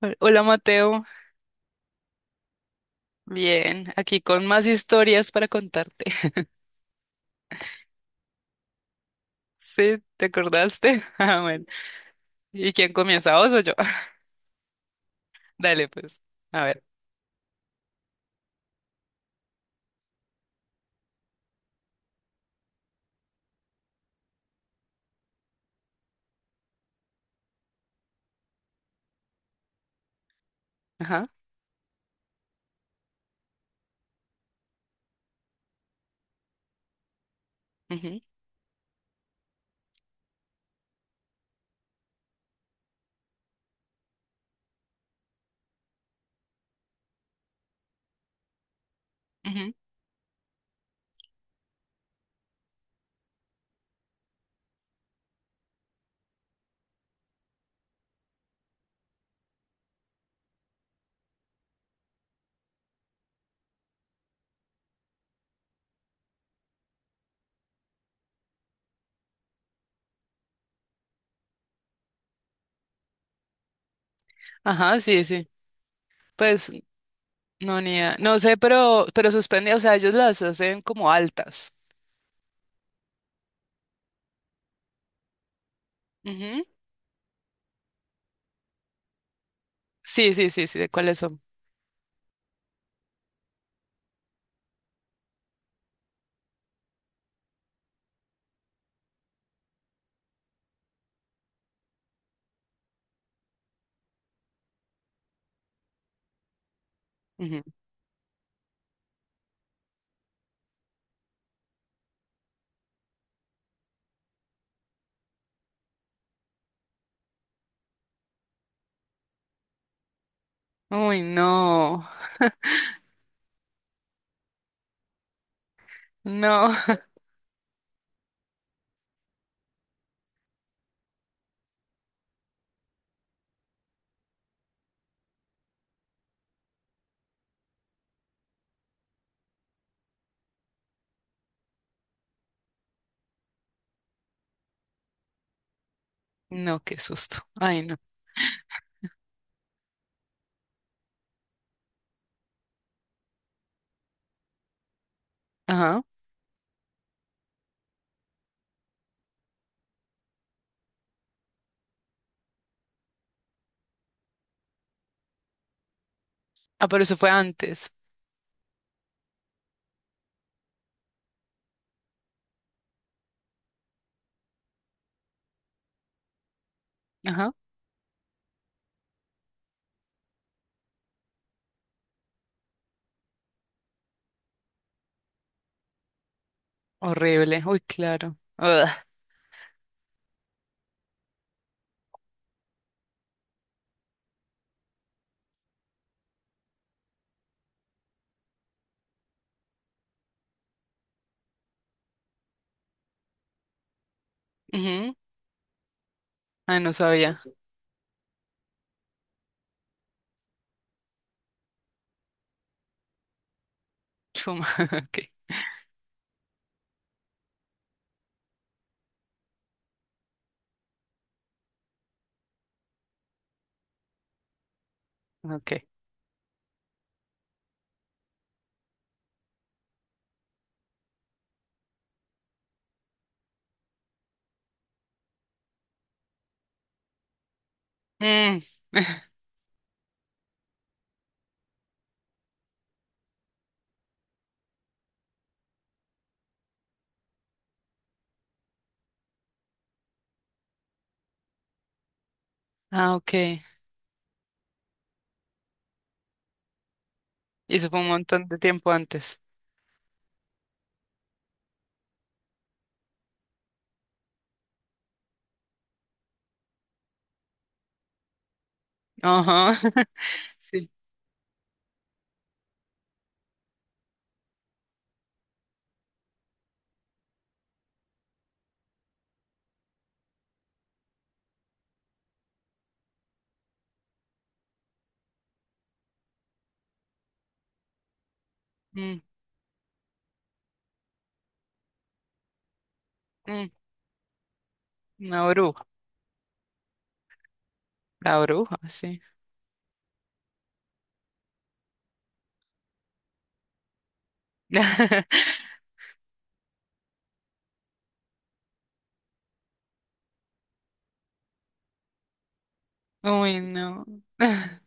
Hola Mateo, bien, aquí con más historias para contarte. Sí, ¿te acordaste? Ah, bueno. ¿Y quién comienza, vos o yo? Dale, pues. A ver. Ajá. Ujú, ujú. Ajá, sí, sí. Pues no, ni idea. No sé, pero suspende, o sea, ellos las hacen como altas. Ujú. Sí, sí, sí, sí, ¿de cuáles son? Ujú. Uy, no. No. No, qué susto. Ay, no. Ajá. Ah, pero eso fue antes. Ajá. Horrible. Uy, claro. Ugh. Ujú. Ah, no sabía. Chuma. Ok. Ok. Mm. Ah, ok. Y eso fue un montón de tiempo antes. Ajá. Sí. Mm, mm. Una bruja. La bruja, sí. Uy, no.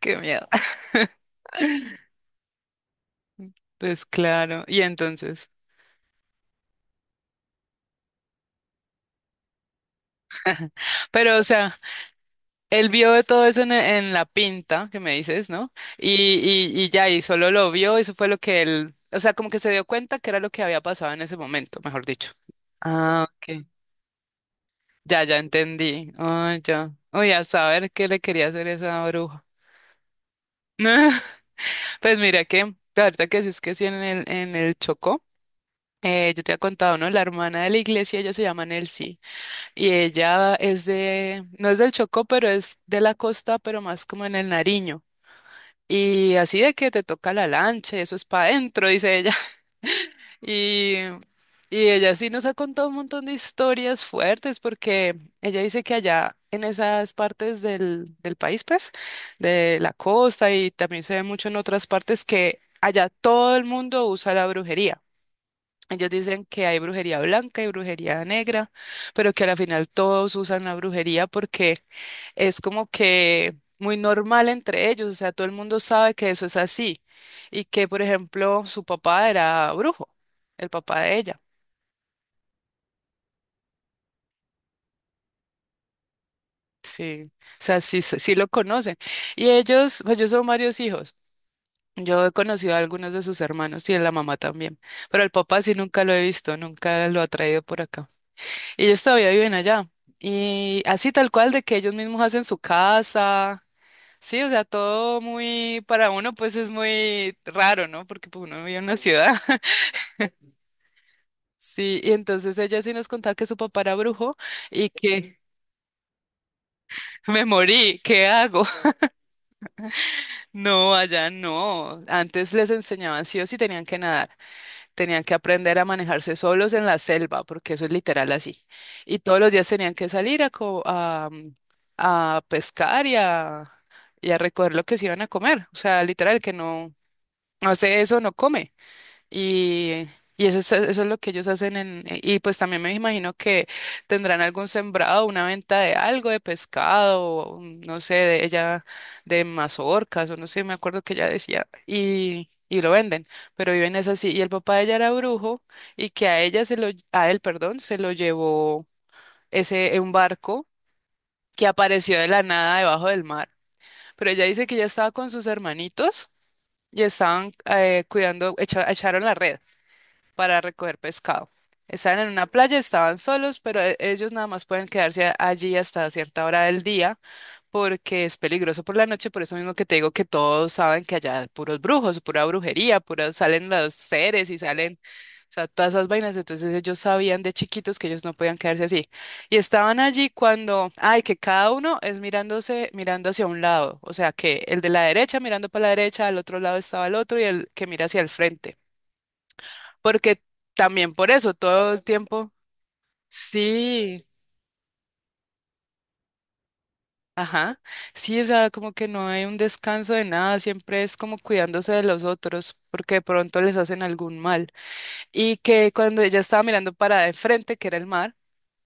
Qué miedo. Pues claro. Y entonces. Pero, o sea, él vio de todo eso en la pinta que me dices, ¿no? Y, y ya, y solo lo vio, eso fue lo que él. O sea, como que se dio cuenta que era lo que había pasado en ese momento, mejor dicho. Ah, ok. Ya, ya entendí. Oh, ya. Uy, a saber qué le quería hacer esa bruja. Pues mira que, ahorita que sí, es que sí, en el Chocó, yo te había contado, ¿no? La hermana de la iglesia, ella se llama Nelcy, y ella es de, no es del Chocó, pero es de la costa, pero más como en el Nariño. Y así de que te toca la lancha, eso es para adentro, dice ella. Y, y ella sí nos ha contado un montón de historias fuertes porque ella dice que allá en esas partes del, del país, pues, de la costa, y también se ve mucho en otras partes, que allá todo el mundo usa la brujería. Ellos dicen que hay brujería blanca y brujería negra, pero que al final todos usan la brujería porque es como que muy normal entre ellos, o sea, todo el mundo sabe que eso es así, y que, por ejemplo, su papá era brujo, el papá de ella, sí, o sea, sí, sí lo conocen. Y ellos, pues yo son varios hijos, yo he conocido a algunos de sus hermanos y a la mamá también, pero el papá sí nunca lo he visto, nunca lo ha traído por acá. Ellos todavía viven allá. Y así tal cual de que ellos mismos hacen su casa. Sí, o sea, todo muy, para uno pues es muy raro, ¿no? Porque pues, uno vive en una ciudad. Sí, y entonces ella sí nos contaba que su papá era brujo y que me morí, ¿qué hago? No, allá no. Antes les enseñaban sí o sí, tenían que nadar, tenían que aprender a manejarse solos en la selva, porque eso es literal así. Y todos los días tenían que salir a, a pescar y a recoger lo que se iban a comer. O sea, literal, que no hace eso, no come. Y, y eso es lo que ellos hacen en, y pues también me imagino que tendrán algún sembrado, una venta de algo, de pescado, o, no sé, de ella, de mazorcas, o no sé, me acuerdo que ella decía, y lo venden, pero viven es así. Y el papá de ella era brujo, y que a ella se lo, a él, perdón, se lo llevó ese, un barco que apareció de la nada debajo del mar. Pero ella dice que ella estaba con sus hermanitos y estaban cuidando, echaron la red para recoger pescado. Estaban en una playa, estaban solos, pero ellos nada más pueden quedarse allí hasta cierta hora del día, porque es peligroso por la noche, por eso mismo que te digo que todos saben que allá hay puros brujos, pura brujería, pura, salen los seres y salen, o sea, todas esas vainas, entonces ellos sabían de chiquitos que ellos no podían quedarse así. Y estaban allí cuando, ay, que cada uno es mirándose, mirando hacia un lado, o sea, que el de la derecha mirando para la derecha, al otro lado estaba el otro y el que mira hacia el frente. Porque también por eso, todo el tiempo, sí, ajá, sí, o sea, como que no hay un descanso de nada, siempre es como cuidándose de los otros, porque de pronto les hacen algún mal. Y que cuando ella estaba mirando para de frente, que era el mar,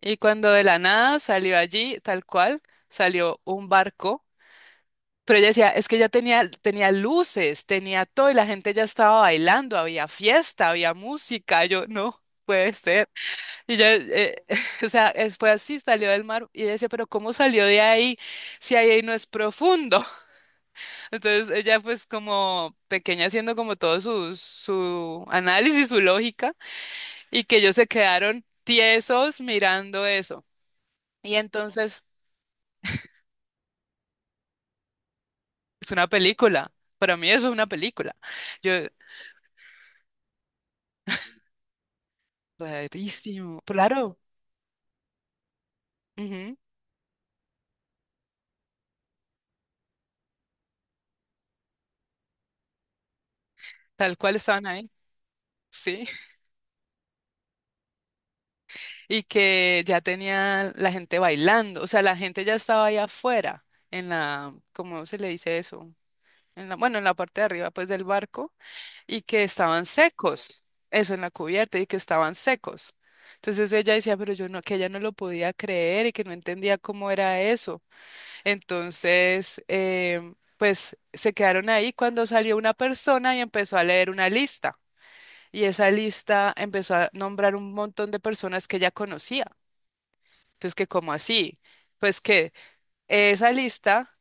y cuando de la nada salió allí, tal cual, salió un barco, pero ella decía, es que ya tenía, tenía luces, tenía todo, y la gente ya estaba bailando, había fiesta, había música, yo no. Puede ser. Y ella, o sea, fue así, salió del mar y ella decía, pero ¿cómo salió de ahí si ahí no es profundo? Entonces ella pues como pequeña haciendo como todo su, su análisis, su lógica, y que ellos se quedaron tiesos mirando eso. Y entonces es una película, para mí eso es una película. Yo, rarísimo, claro, ujú, tal cual estaban ahí, sí. Y que ya tenía la gente bailando, o sea, la gente ya estaba ahí afuera, en la, ¿cómo se le dice eso? En la, bueno, en la parte de arriba, pues, del barco, y que estaban secos, eso en la cubierta, y que estaban secos. Entonces ella decía, pero yo no, que ella no lo podía creer y que no entendía cómo era eso. Entonces, pues se quedaron ahí cuando salió una persona y empezó a leer una lista. Y esa lista empezó a nombrar un montón de personas que ella conocía. Entonces, ¿que como así? Pues que esa lista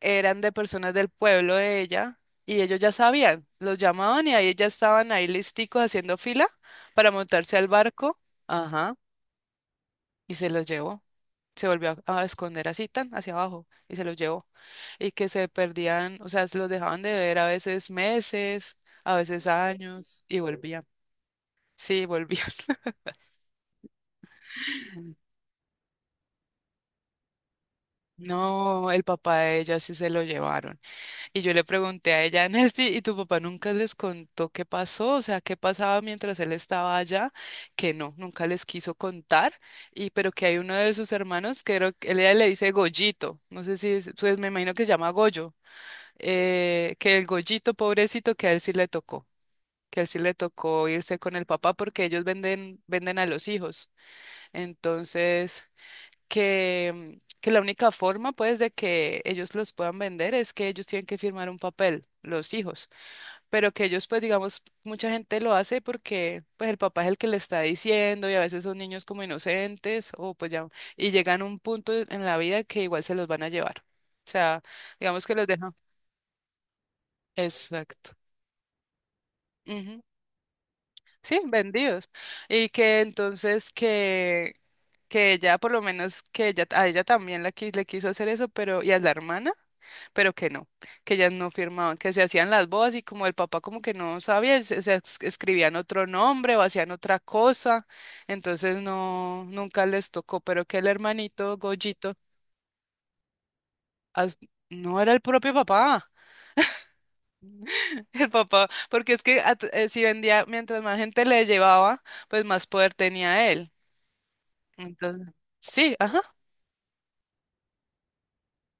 eran de personas del pueblo de ella y ellos ya sabían, los llamaban y ahí ya estaban ahí listicos haciendo fila para montarse al barco. Ajá. Y se los llevó. Se volvió a esconder así tan hacia abajo y se los llevó. Y que se perdían, o sea, se los dejaban de ver a veces meses, a veces años, y volvían. Sí, volvían. No, el papá de ella sí se lo llevaron. Y yo le pregunté a ella, Nancy, ¿y tu papá nunca les contó qué pasó? O sea, ¿qué pasaba mientras él estaba allá? Que no, nunca les quiso contar. Y pero que hay uno de sus hermanos, que creo que él ella le dice Goyito, no sé si pues me imagino que se llama Goyo, que el Goyito pobrecito que a él sí le tocó, que a él sí le tocó irse con el papá porque ellos venden, venden a los hijos. Entonces, que la única forma, pues, de que ellos los puedan vender es que ellos tienen que firmar un papel, los hijos, pero que ellos, pues, digamos, mucha gente lo hace porque, pues, el papá es el que le está diciendo, y a veces son niños como inocentes o, pues, ya, y llegan a un punto en la vida que igual se los van a llevar. O sea, digamos que los dejan. Exacto. Ujú. Sí, vendidos. Y que entonces que ella, por lo menos, que ella, a ella también la, le quiso hacer eso, pero, y a la hermana, pero que no, que ellas no firmaban, que se hacían las bodas y como el papá como que no sabía, se, escribían otro nombre o hacían otra cosa, entonces no, nunca les tocó, pero que el hermanito Goyito as- no era el propio papá, el papá, porque es que si vendía, mientras más gente le llevaba, pues más poder tenía él. Entonces, sí, ajá,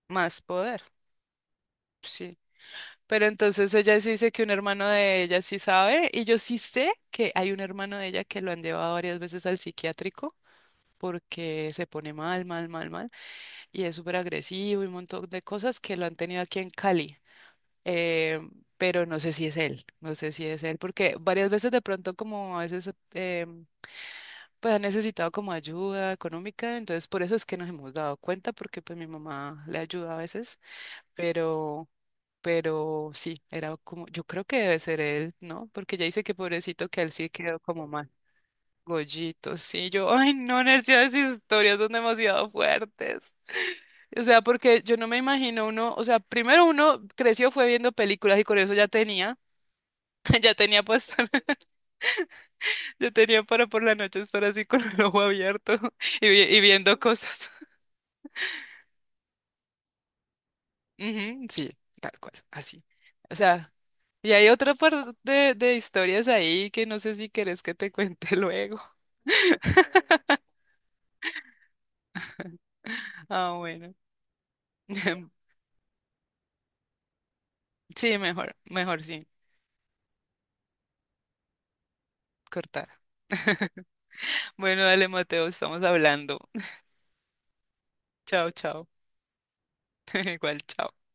más poder. Sí. Pero entonces ella sí dice que un hermano de ella sí sabe, y yo sí sé que hay un hermano de ella que lo han llevado varias veces al psiquiátrico porque se pone mal, mal, mal, mal, y es súper agresivo, y un montón de cosas que lo han tenido aquí en Cali. Eh, pero no sé si es él, no sé si es él, porque varias veces de pronto como a veces pues ha necesitado como ayuda económica, entonces por eso es que nos hemos dado cuenta, porque pues mi mamá le ayuda a veces, pero... Pero sí, era como, yo creo que debe ser él, ¿no? Porque ya dice que pobrecito que él sí quedó como mal. Gollito, sí, yo, ay, no, Nercia, esas historias son demasiado fuertes. O sea, porque yo no me imagino uno, o sea, primero uno creció, fue viendo películas y con eso ya tenía, ya tenía pues, ya tenía para por la noche estar así con el ojo abierto y, y viendo cosas. Ujú, sí, tal cual, así. O sea, y hay otra parte de historias ahí que no sé si querés que te cuente luego. Ah, bueno. Sí, mejor, mejor sí, cortar. Bueno, dale, Mateo, estamos hablando. Chao, chao. Igual, chao.